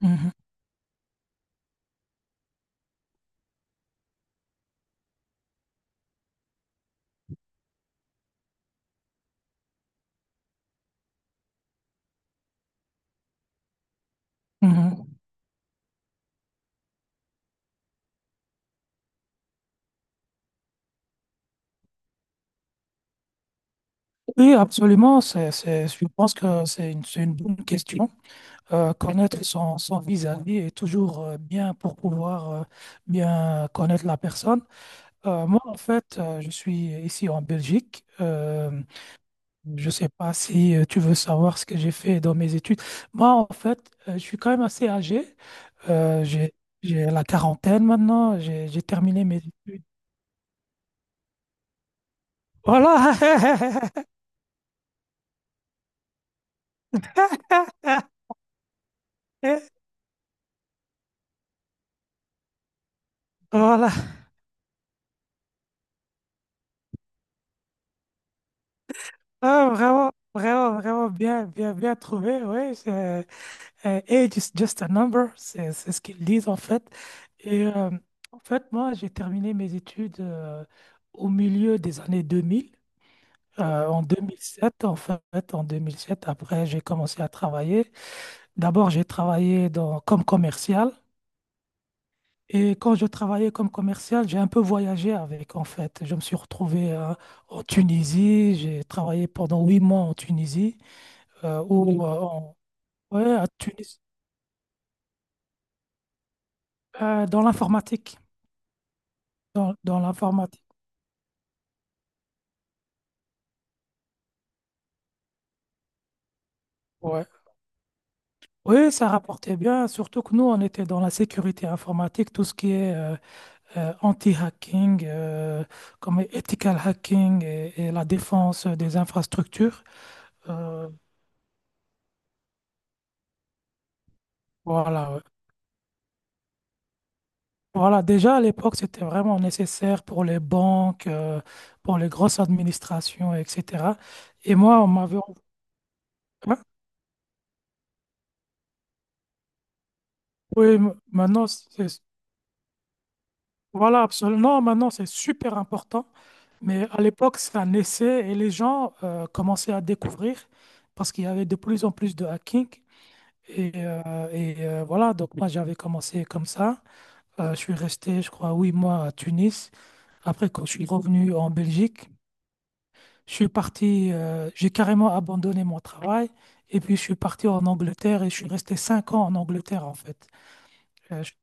Mhm, mhm. Oui, absolument. Je pense que c'est une bonne question. Connaître son vis-à-vis est toujours bien pour pouvoir bien connaître la personne. Moi, en fait, je suis ici en Belgique. Je ne sais pas si tu veux savoir ce que j'ai fait dans mes études. Moi, en fait, je suis quand même assez âgé. Euh, j'ai, j'ai la quarantaine maintenant. J'ai terminé mes études. Voilà. Voilà. Ah, vraiment, vraiment, vraiment bien, bien, bien trouvé, oui. Age is just a number, c'est ce qu'ils disent en fait. Et en fait, moi, j'ai terminé mes études au milieu des années 2000, en 2007, en fait, en 2007. Après, j'ai commencé à travailler. D'abord, j'ai travaillé dans, comme commercial. Et quand je travaillais comme commercial, j'ai un peu voyagé avec, en fait. Je me suis retrouvé en Tunisie, j'ai travaillé pendant 8 mois en Tunisie. euh, ou euh, en- ouais, à Tunis, dans l'informatique. Dans l'informatique, ouais. Oui, ça rapportait bien, surtout que nous, on était dans la sécurité informatique, tout ce qui est anti-hacking, comme ethical hacking et la défense des infrastructures. Euh, voilà, ouais. Voilà, déjà à l'époque, c'était vraiment nécessaire pour les banques, pour les grosses administrations, etc. Et moi, on m'avait. Hein. Oui, maintenant, c'est. Voilà, absolument. Non, maintenant, c'est super important. Mais à l'époque, c'est un essai et les gens commençaient à découvrir parce qu'il y avait de plus en plus de hacking. Et, euh, voilà, donc moi, j'avais commencé comme ça. Je suis resté, je crois, 8 mois à Tunis. Après, quand je suis revenu en Belgique, je suis parti, j'ai carrément abandonné mon travail. Et puis, je suis parti en Angleterre et je suis resté 5 ans en Angleterre, en fait. Euh, je-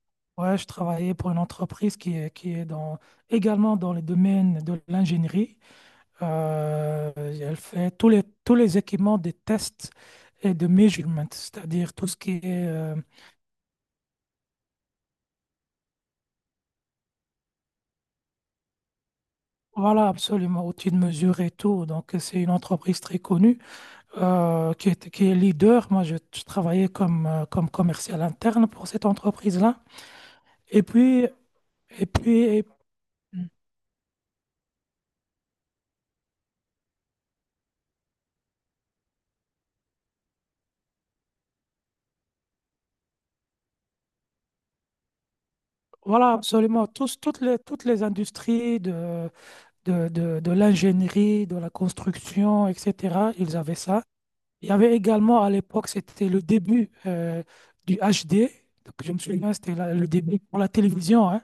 ouais, je travaillais pour une entreprise qui est dans, également dans le domaine de l'ingénierie. Elle fait tous les équipements de tests et de measurement, c'est-à-dire tout ce qui est, voilà, absolument, outils de mesure et tout. Donc, c'est une entreprise très connue qui est leader. Moi, je travaillais comme, comme commercial interne pour cette entreprise-là. Et puis, et puis, et- voilà, absolument. Toutes les industries de l'ingénierie, de la construction, etc. Ils avaient ça. Il y avait également à l'époque, c'était le début du HD. Donc, je me souviens, c'était le début pour la télévision. Hein.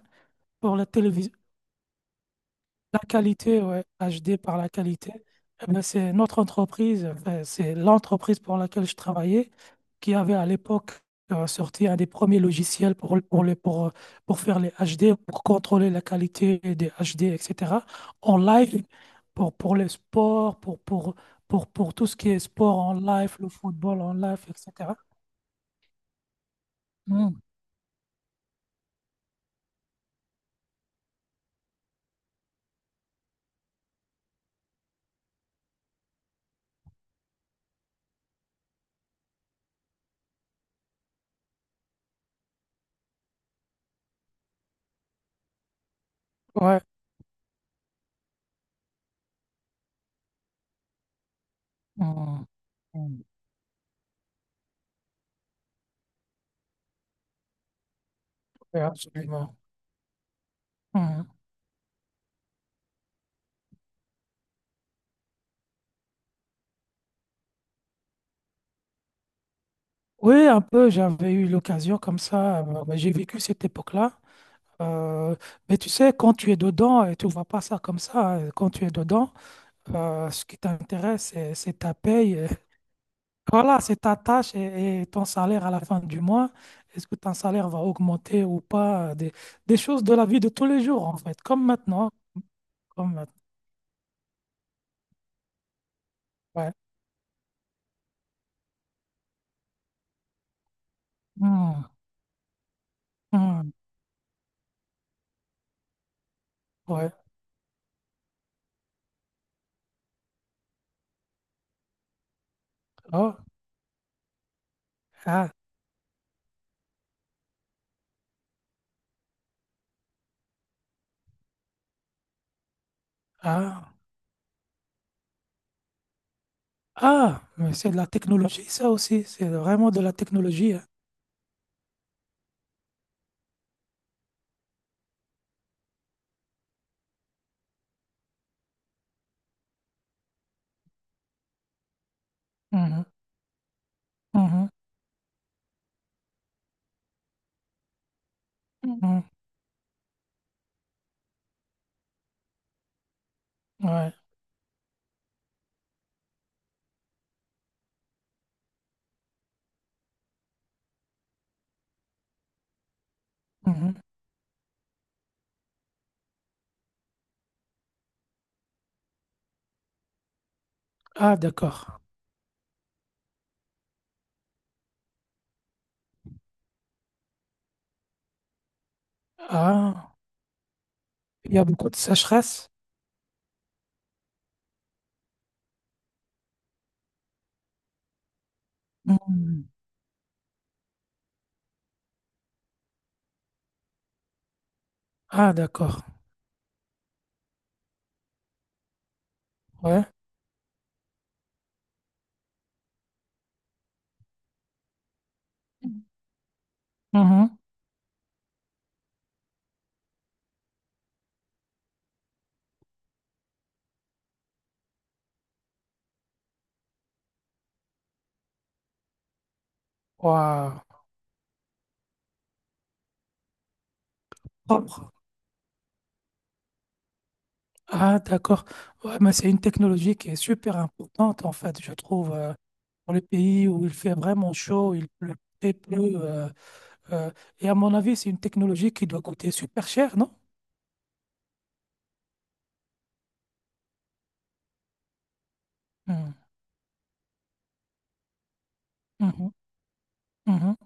Pour la télévision, la qualité, ouais, HD par la qualité, eh ben, c'est notre entreprise, enfin, c'est l'entreprise pour laquelle je travaillais qui avait à l'époque sorti un des premiers logiciels pour, le- pour, les- pour faire les HD, pour contrôler la qualité des HD, etc. En live, pour les sports, pour tout ce qui est sport en live, le football en live, etc. Mm. Ouais. Mm. Mm. Ouais, absolument. Oui, un peu, j'avais eu l'occasion comme ça. Bah, j'ai vécu cette époque-là. Euh, mais tu sais, quand tu es dedans, et tu ne vois pas ça comme ça. Hein, quand tu es dedans, ce qui t'intéresse, c'est ta paye. Voilà, c'est ta tâche et ton salaire à la fin du mois. Est-ce que ton salaire va augmenter ou pas? Des choses de la vie de tous les jours, en fait, comme maintenant. Comme maintenant. Ouais. Hmm, hmm, ouais. Oh, ah, ah. Ah, mais c'est de la technologie, ça aussi. C'est vraiment de la technologie. Hein. Mhm, mhm, mhm, ouais, mhm. Ah, d'accord. Ah, il y a beaucoup de sécheresse. Mhm. Ah, d'accord. Ouais. Mhm. Waouh. Propre. Ah, d'accord. Ouais, mais c'est une technologie qui est super importante, en fait, je trouve, pour les pays où il fait vraiment chaud, il pleut très peu. euh, euh, et à mon avis, c'est une technologie qui doit coûter super cher, non? Mhm, mhm, mhm.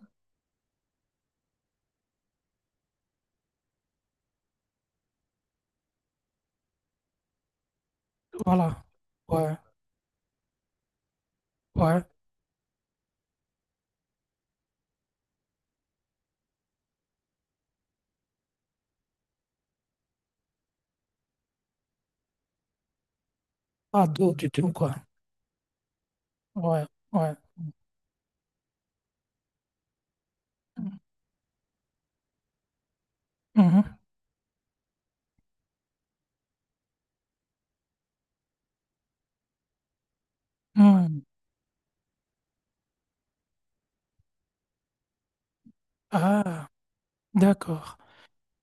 Voilà. Ouais, ouais. Pas d'eau du tout, quoi. Ouais, ouais. Mhm, mhm. Ah, d'accord.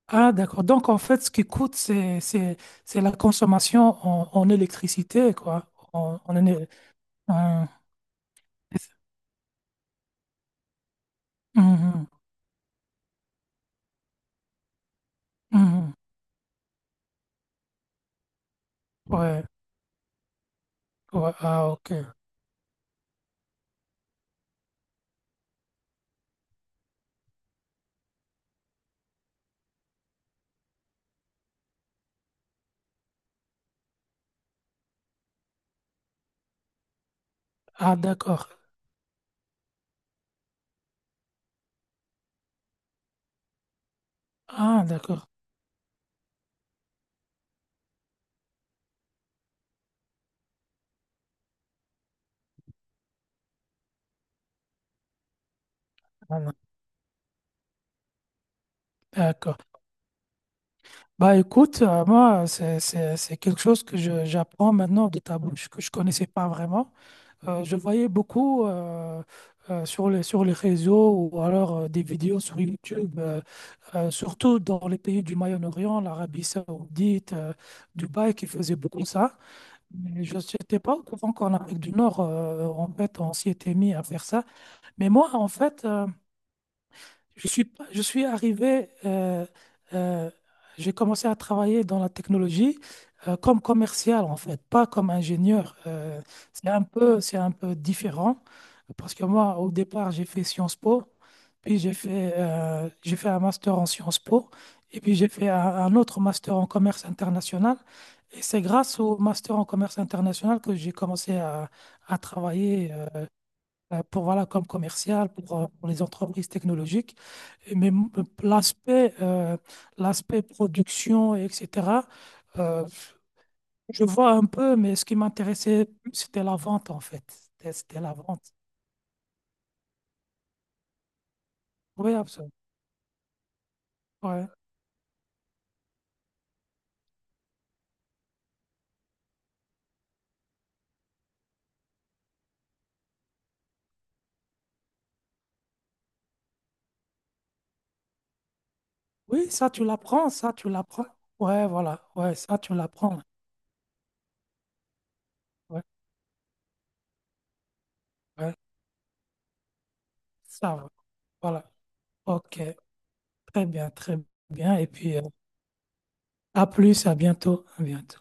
Ah, d'accord. Donc, en fait, ce qui coûte, c'est la consommation en électricité, quoi. En, en éner- en- Mhm, mhm. Ouais, ouais. Ah, ok. Ah, d'accord. Ah, d'accord. Ah, non. D'accord. Bah, écoute, moi, c'est quelque chose que j'apprends maintenant de ta bouche, que je connaissais pas vraiment. Je voyais beaucoup sur les réseaux ou alors des vidéos sur YouTube, surtout dans les pays du Moyen-Orient, l'Arabie Saoudite, Dubaï, qui faisaient beaucoup ça. Mais je n'étais pas au courant qu'en Afrique du Nord, en fait, on s'y était mis à faire ça. Mais moi, en fait, je suis, pas- je suis arrivé, euh, j'ai commencé à travailler dans la technologie comme commercial en fait, pas comme ingénieur. C'est un peu différent parce que moi, au départ, j'ai fait Sciences Po, puis j'ai fait un master en Sciences Po, et puis j'ai fait un autre master en commerce international. Et c'est grâce au master en commerce international que j'ai commencé à travailler pour, voilà, comme commercial pour les entreprises technologiques mais l'aspect l'aspect production, etc., euh, je vois un peu, mais ce qui m'intéressait plus, c'était la vente, en fait. C'était la vente. Oui, absolument. Ouais. Oui, ça, tu l'apprends, ça, tu l'apprends. Ouais, voilà. Ouais, ça, tu l'apprends. Ouais, ouais, ça, va. Voilà. OK. Très bien, très bien. Et puis, à plus, à bientôt. À bientôt.